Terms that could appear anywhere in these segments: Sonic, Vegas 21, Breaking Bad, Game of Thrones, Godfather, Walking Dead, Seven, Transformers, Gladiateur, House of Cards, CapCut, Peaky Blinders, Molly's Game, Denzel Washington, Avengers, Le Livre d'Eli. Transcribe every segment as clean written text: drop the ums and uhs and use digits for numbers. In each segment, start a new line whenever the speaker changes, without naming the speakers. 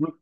Ouais.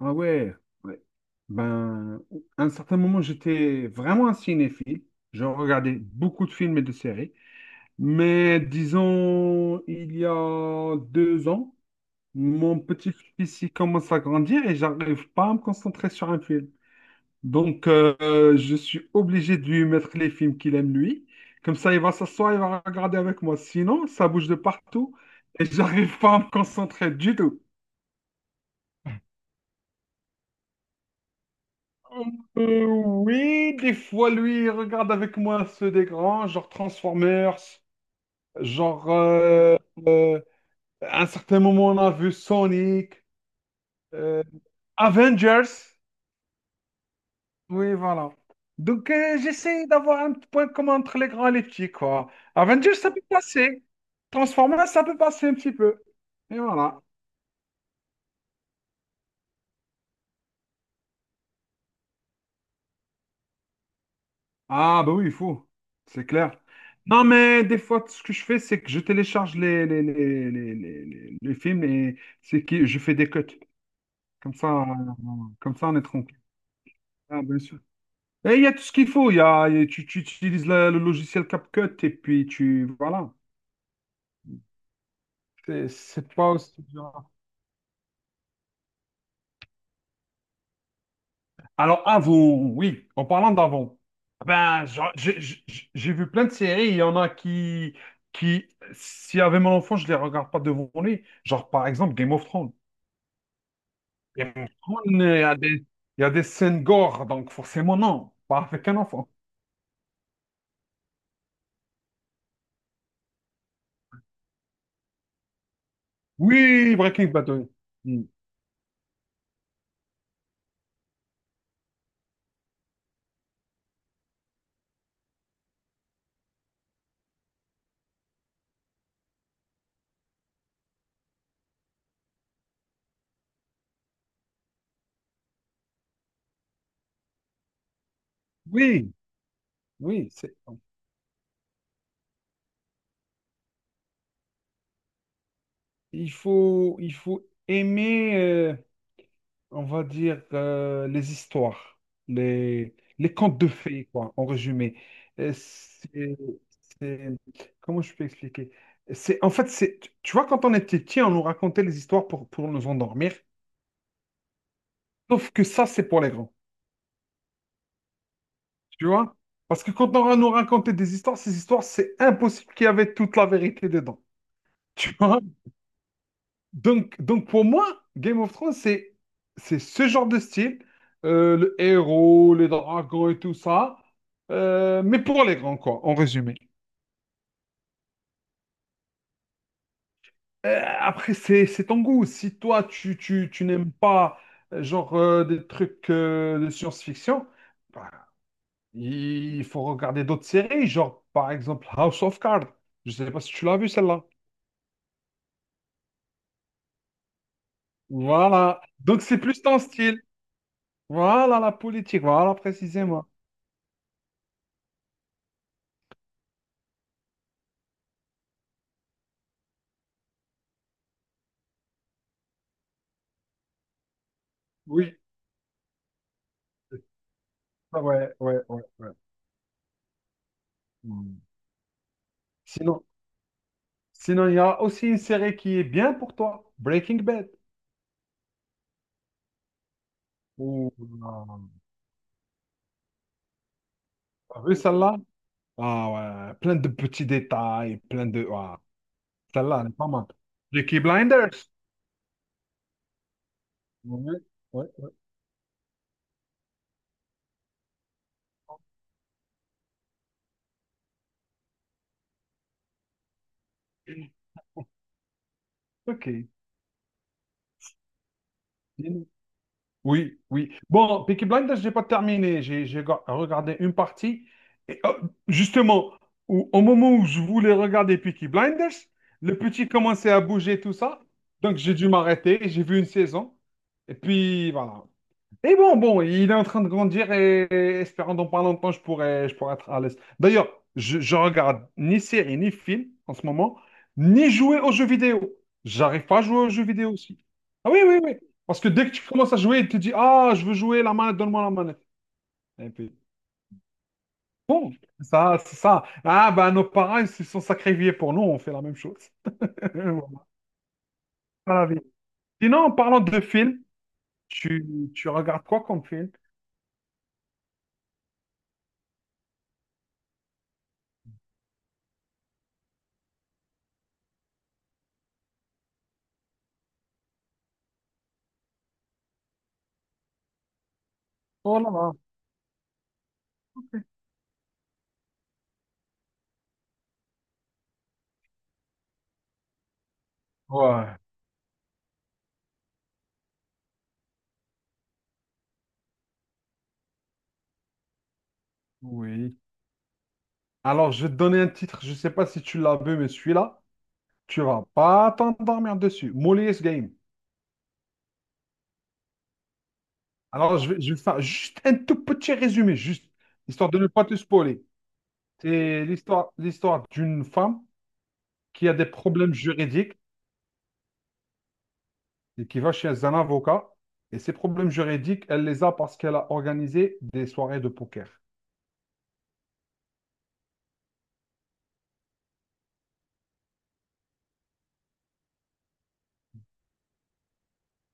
Ah ouais, ouais. Ben, à un certain moment, j'étais vraiment un cinéphile. Je regardais beaucoup de films et de séries. Mais disons, il y a 2 ans, mon petit-fils il commence à grandir et j'arrive pas à me concentrer sur un film. Donc, je suis obligé de lui mettre les films qu'il aime lui. Comme ça, il va s'asseoir, il va regarder avec moi. Sinon, ça bouge de partout et j'arrive pas à me concentrer du tout. Oui, des fois, lui, il regarde avec moi ceux des grands, genre Transformers, genre... euh, euh, à un certain moment, on a vu Sonic, euh, Avengers. Oui, voilà. Donc, j'essaie d'avoir un petit point commun entre les grands et les petits, quoi. Avengers, ça peut passer. Transformers, ça peut passer un petit peu. Et voilà. Ah, bah oui, il faut. C'est clair. Non, mais des fois, ce que je fais, c'est que je télécharge les films et c'est que je fais des cuts. Comme ça, euh, Comme ça, on est tranquille. Ah, bien sûr. Et il y a tout ce qu'il faut. Tu, utilises le logiciel CapCut et puis tu. Voilà. C'est pas aussi dur. Alors, avant, oui, en parlant d'avant, ben, j'ai vu plein de séries, il y en a qui, s'il y avait mon enfant, je les regarde pas devant lui. Genre, par exemple, Game of Thrones. Game of Thrones, il y a des scènes gore, donc forcément, non, pas avec un enfant. Oui, Breaking Bad, oui. Mm. Oui, oui, il faut aimer. On va dire, les histoires, les contes de fées, quoi, en résumé. Euh, C'est, c'est- Comment je peux expliquer? En fait, tu vois, quand on était petit, on nous racontait les histoires pour nous endormir, sauf que ça, c'est pour les grands, tu vois? Parce que quand on va nous raconter des histoires, ces histoires, c'est impossible qu'il y avait toute la vérité dedans, tu vois? Donc, pour moi, Game of Thrones, c'est ce genre de style, le héros, les dragons et tout ça, mais pour les grands, quoi, en résumé. Après, c'est ton goût. Si toi, tu n'aimes pas, des trucs de science-fiction, bah, il faut regarder d'autres séries, genre, par exemple, House of Cards. Je sais pas si tu l'as vu, celle-là. Voilà. Donc, c'est plus ton style. Voilà la politique, voilà précisément. Oui. Ah, ouais, ouais, ouais, ouais. Hmm. Sinon, sinon, il y a aussi une série qui est bien pour toi, Breaking Bad. Ouh là. T'as vu celle-là? Ah ouais, plein de petits détails, Ah, celle-là, elle est pas mal. Peaky Blinders. Ouais, ouais, ouais. Ok. Oui, oui. Bon, Peaky Blinders, j'ai pas terminé. J'ai regardé une partie. Et, oh, justement, au moment où je voulais regarder Peaky Blinders, le petit commençait à bouger, tout ça. Donc, j'ai dû m'arrêter. J'ai vu une saison. Et puis, voilà. Mais bon, il est en train de grandir et, espérant dans pas longtemps, je pourrais être à l'aise. D'ailleurs, je regarde ni série, ni film en ce moment, ni jouer aux jeux vidéo. J'arrive pas à jouer aux jeux vidéo aussi. Ah oui, oui, oui. Parce que dès que tu commences à jouer, tu te dis, ah, je veux jouer, la manette, donne-moi la manette. Et puis, bon, ça, c'est ça. Ah, ben, nos parents, ils se sont sacrifiés pour nous, on fait la même chose. Voilà la vie. Sinon, en parlant de films, tu, tu regardes quoi comme film? Oh là là. Ouais. Oui. Alors, je vais te donner un titre, je ne sais pas si tu l'as vu, mais celui-là, tu vas pas t'endormir dessus. Molly's Game. Alors, je vais faire juste un tout petit résumé, juste, histoire de ne pas te spoiler. C'est l'histoire d'une femme qui a des problèmes juridiques et qui va chez un avocat. Et ces problèmes juridiques, elle les a parce qu'elle a organisé des soirées de poker.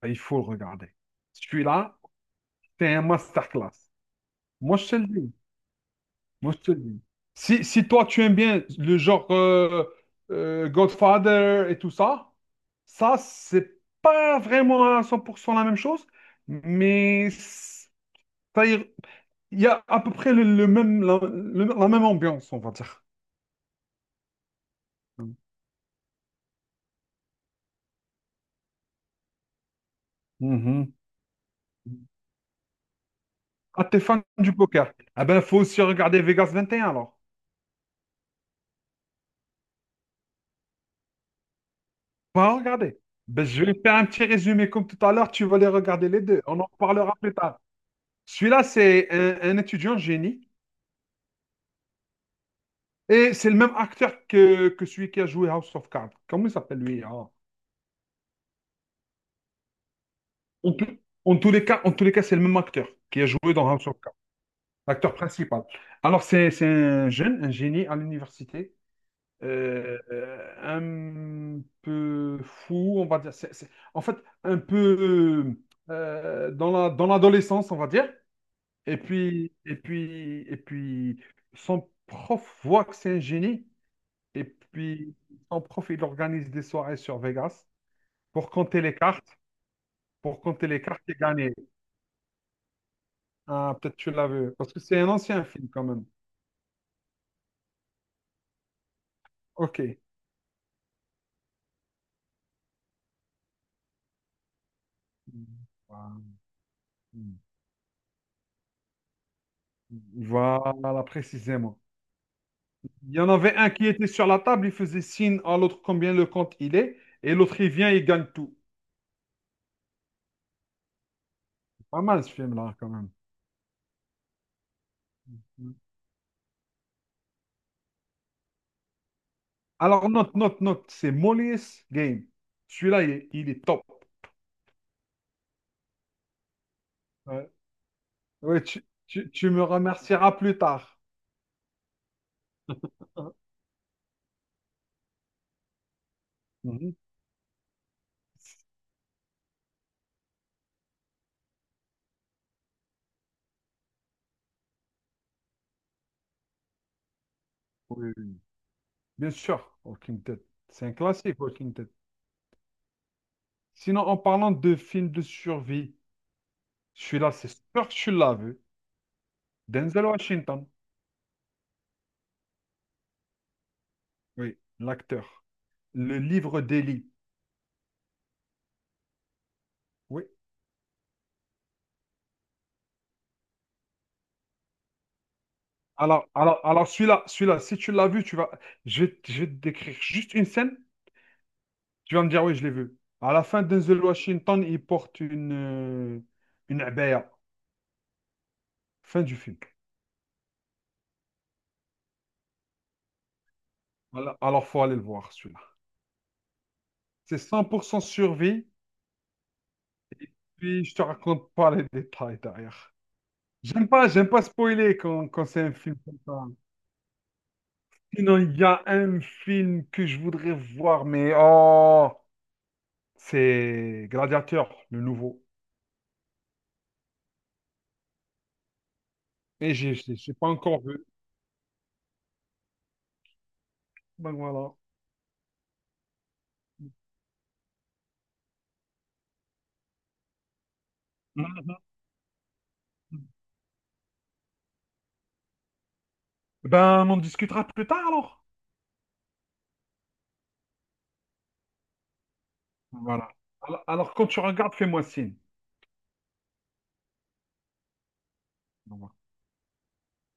Et il faut le regarder. Celui-là, c'est un masterclass. Moi, je te le dis. Moi, je te le dis. Si toi, tu aimes bien le genre Godfather et tout ça, ça, c'est pas vraiment à 100% la même chose, mais c'est-à-dire, il y a à peu près le même, la, le- la même ambiance, on va dire. Mhm. Ah, t'es fan du poker? Ah ben, faut aussi regarder Vegas 21, alors. Pas regarder. Ben, je vais faire un petit résumé comme tout à l'heure, tu vas les regarder les deux. On en parlera plus tard. Celui-là, c'est un étudiant génie. Et c'est le même acteur que celui qui a joué House of Cards. Comment il s'appelle lui? Hein? En, tout- En tous les cas, c'est le même acteur qui a joué dans House of Cards, l'acteur principal. Alors, c'est un jeune, un génie à l'université, euh, euh, un peu fou, on va dire. En fait, un peu dans dans l'adolescence, on va dire. Et puis, son prof voit que c'est un génie. Et puis, son prof, il organise des soirées sur Vegas, pour compter les cartes, pour compter les cartes et gagner. Ah, peut-être tu l'as vu, parce que c'est un ancien film quand même. Ok. Voilà, précisément. Il y en avait un qui était sur la table, il faisait signe à l'autre combien le compte il est, et l'autre il vient, il gagne tout. C'est pas mal ce film-là quand même. Alors, note, note, note, c'est Molly's Game. Celui-là, il est top. Ouais. Ouais, tu me remercieras plus tard. Mhm. Oui. Bien sûr, Walking Dead. C'est un classique, Walking Dead. Sinon, en parlant de films de survie, celui-là, c'est sûr que tu l'as vu. Denzel Washington, oui, l'acteur. Le livre d'Eli. Oui. Alors celui-là, si tu l'as vu, tu vas. Je vais je vais te décrire juste une scène. Tu vas me dire, oui, je l'ai vu. À la fin, Denzel Washington, il porte une abaya. Fin du film. Voilà. Alors, faut aller le voir, celui-là. C'est 100% survie. Et puis, je te raconte pas les détails derrière. J'aime pas spoiler quand c'est un film comme ça. Sinon, il y a un film que je voudrais voir, mais oh, c'est Gladiateur, le nouveau. Et j'ai pas encore vu. Ben voilà. Mhm. Ben, on en discutera plus tard alors. Voilà. Quand tu regardes, fais-moi signe. Au revoir.